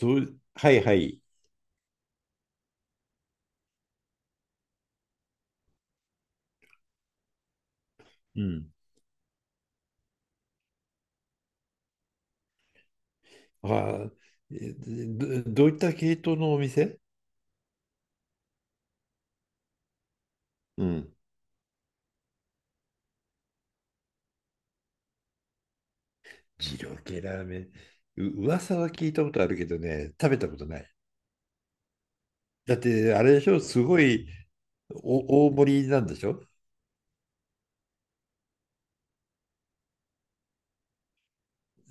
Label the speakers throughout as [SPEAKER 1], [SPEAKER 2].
[SPEAKER 1] どう、はいはい。うん。ああ、どういった系統のお店？うん。二郎系ラーメン。噂は聞いたことあるけどね、食べたことない。だって、あれでしょ、すごいお大盛りなんでしょ？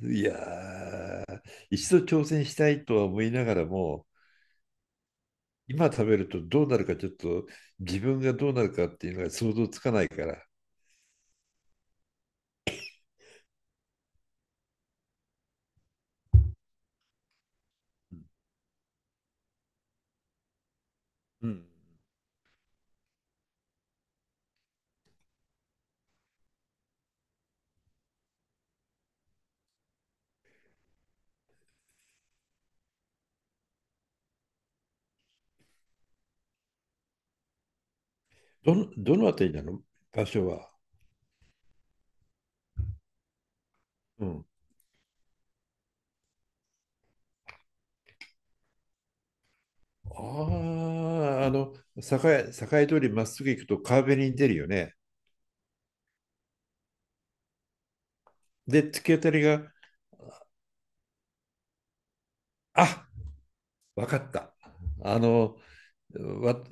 [SPEAKER 1] いやー、一度挑戦したいとは思いながらも、今食べるとどうなるかちょっと自分がどうなるかっていうのが想像つかないから。うん。どのあたりなの？場所は。うん。ああ、栄通りまっすぐ行くと川べりに出るよね。で、突き当たりが、あ、わかった。あの、わ、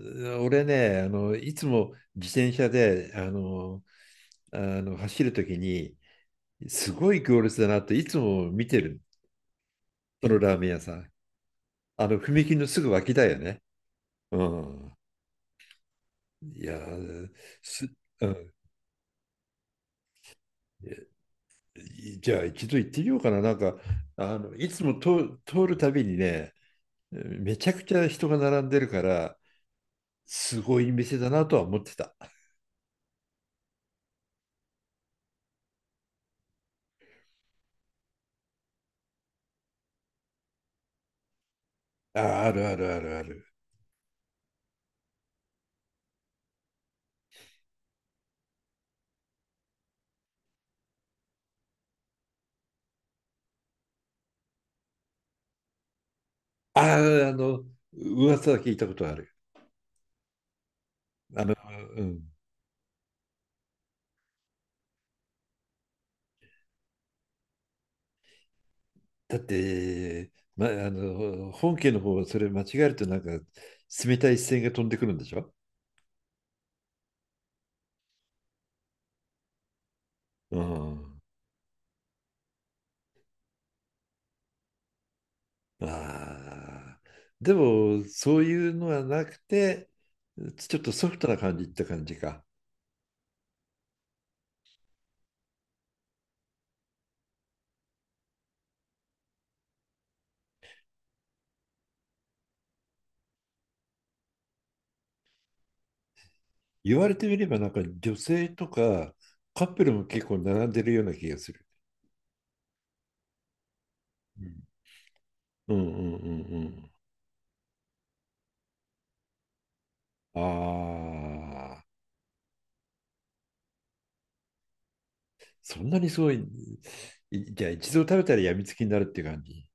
[SPEAKER 1] 俺ね、あの、いつも自転車で、あの、あの走るときに、すごい行列だなっていつも見てる。そのラーメン屋さん。あの、踏切のすぐ脇だよね。うん。いやー、す、うん。いじゃあ一度行ってみようかな。なんか、あの、いつも、通るたびにね、めちゃくちゃ人が並んでるから、すごい店だなとは思ってた。あ、あるあるあるある。ああ、あの、噂は聞いたことある。あの、うん。だって、ま、あの、本家の方はそれ間違えるとなんか、冷たい視線が飛んでくるんでしょ？うん。ああ。でも、そういうのはなくて、ちょっとソフトな感じって感じか。言われてみれば、なんか女性とかカップルも結構並んでるような気がする。うんうんうんうん。ああ、そんなにすごい、いじゃあ一度食べたらやみつきになるって感じ。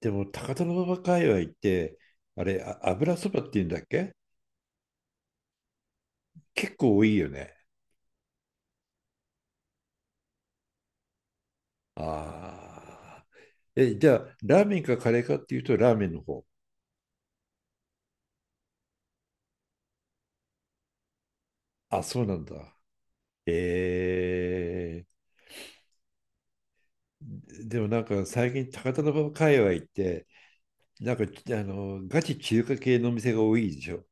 [SPEAKER 1] でも、高田馬場界隈って、あれ、あ、油そばっていうんだっけ？結構多いよね。ああ。え、じゃあ、ラーメンかカレーかっていうと、ラーメンの方。あ、そうなんだ。えー、でもなんか最近、高田馬場界隈って、なんか、あの、ガチ中華系のお店が多いでしょ。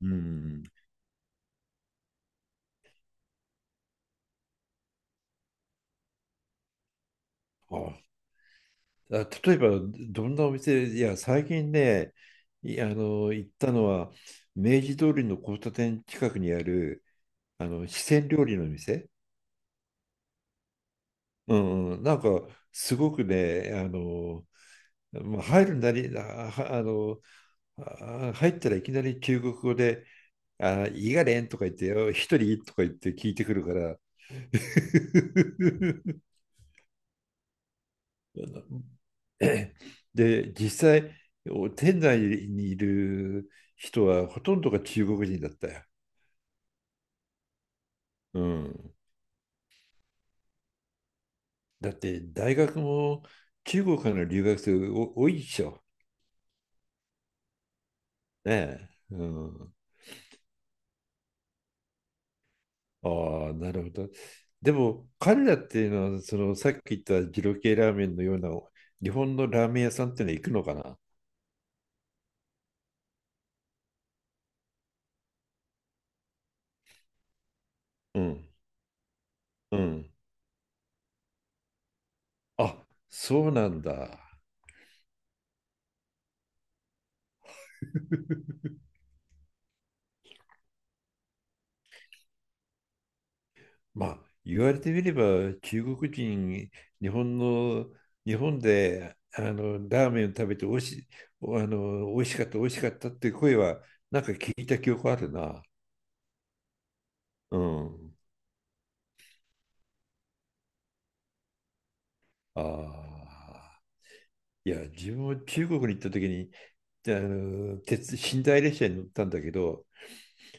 [SPEAKER 1] うん。あ、あ、例えば、どんなお店、いや、最近ね、あの、行ったのは、明治通りの交差点近くにある、あの、四川料理の店。うんうん、なんか、すごくね、あの、まあ、入るなり、あ、はあの、あ入ったらいきなり中国語で、あ、いがれんとか言って、あ一人とか言って聞いてくるから、で、実際、店内にいる人はほとんどが中国人だったよ。うん。だって、大学も中国からの留学生多いでしょ。ねえ。うん。ああ、なるほど。でも、彼らっていうのは、そのさっき言った二郎系ラーメンのような日本のラーメン屋さんっていうのは行くのかな？うん。うん。あ、そうなんだ。まあ、言われてみれば、中国人、日本の、日本で、あの、ラーメンを食べておいし、あの、美味しかったっていう声は、なんか聞いた記憶あるな。うん。ああ。いや、自分も中国に行った時に、あの、寝台列車に乗ったんだけど、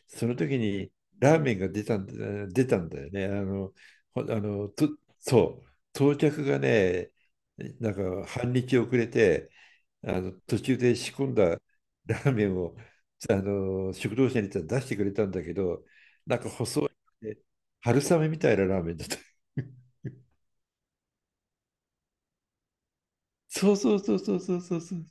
[SPEAKER 1] その時にラーメンが出たんだよね。あの、ほあの、と、そう、到着がね、なんか半日遅れて、あの途中で仕込んだ ラーメンをあの食堂車に行ったら出してくれたんだけど、なんか細い、春雨みたいなラーメンだった。そうそうそうそうそうそうそう。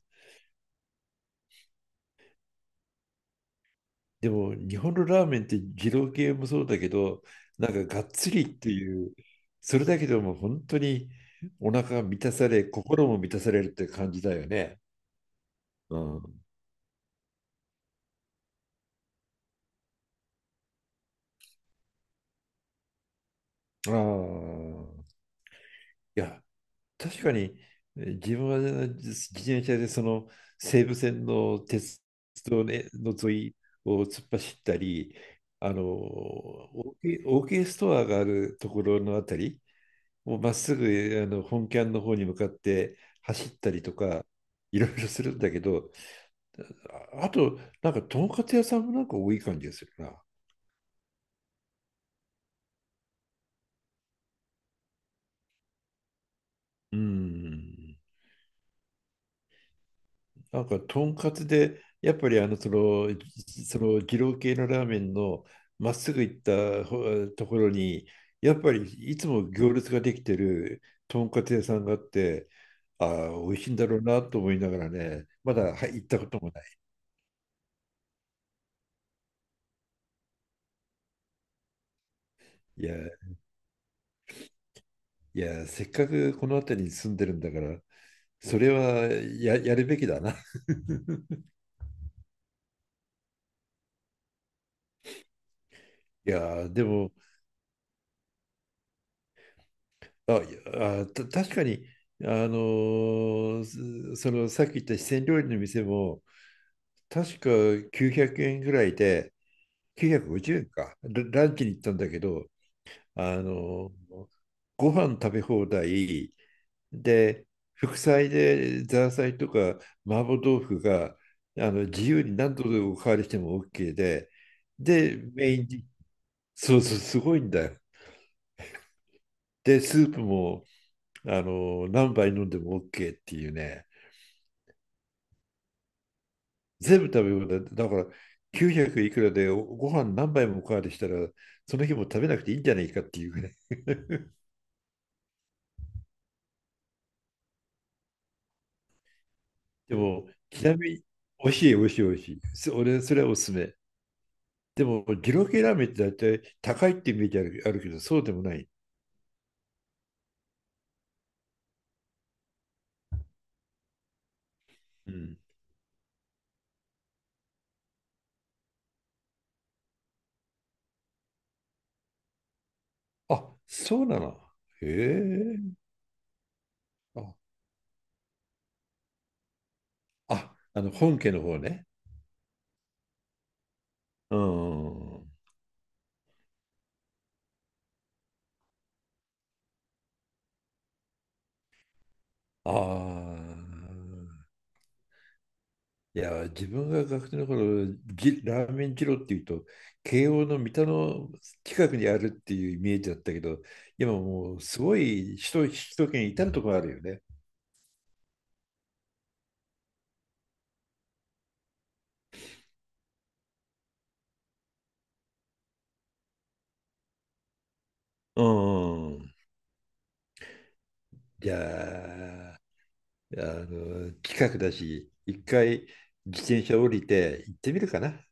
[SPEAKER 1] でも日本のラーメンって二郎系もそうだけど、なんかがっつりっていう、それだけでも本当にお腹が満たされ、心も満たされるって感じだよね。うん。ああ。いや、確かに、自分は自転車でその西武線の鉄道ねの沿いを突っ走ったり、あの、オーケーストアがあるところのあたり、をまっすぐあの本キャンの方に向かって走ったりとか、いろいろするんだけど、ああと、なんか、とんかつ屋さんもなんか多い感じがするな。うん。なんか、とんかつで、やっぱりあの、その、二郎系のラーメンのまっすぐ行ったところに、やっぱりいつも行列ができてるとんかつ屋さんがあって、ああ、美味しいんだろうなと思いながらね、まだ、はい、行ったこともない。いや、いや、せっかくこの辺りに住んでるんだから、それはやるべきだな。いやでもあいやあた確かにあのーそのさっき言った四川料理の店も確か900円ぐらいで、950円か、ラランチに行ったんだけど、あの、ご飯食べ放題で、副菜でザーサイとか麻婆豆腐があの自由に何度でおかわりしても OK で、で、メインに、そうそう、すごいんだよ。で、スープもあの何杯飲んでも OK っていうね。全部食べ物だ。だから900いくらでご飯何杯もおかわりしたら、その日も食べなくていいんじゃないかっていうぐらい。でも、ちなみに、美味しい。俺、それはおすすめ。でも、二郎系ラーメンって大体高いってイメージある、あるけど、そうでもない。うん。あ、そうなの。へえ。あ、あの、本家の方ね。うん。ああ。いや、自分が学生の頃、ラーメン二郎っていうと、慶応の三田の近くにあるっていうイメージだったけど、今もうすごい首都圏至るところあるよね。うん。じゃあ、あの、近くだし、一回自転車降りて行ってみるかな。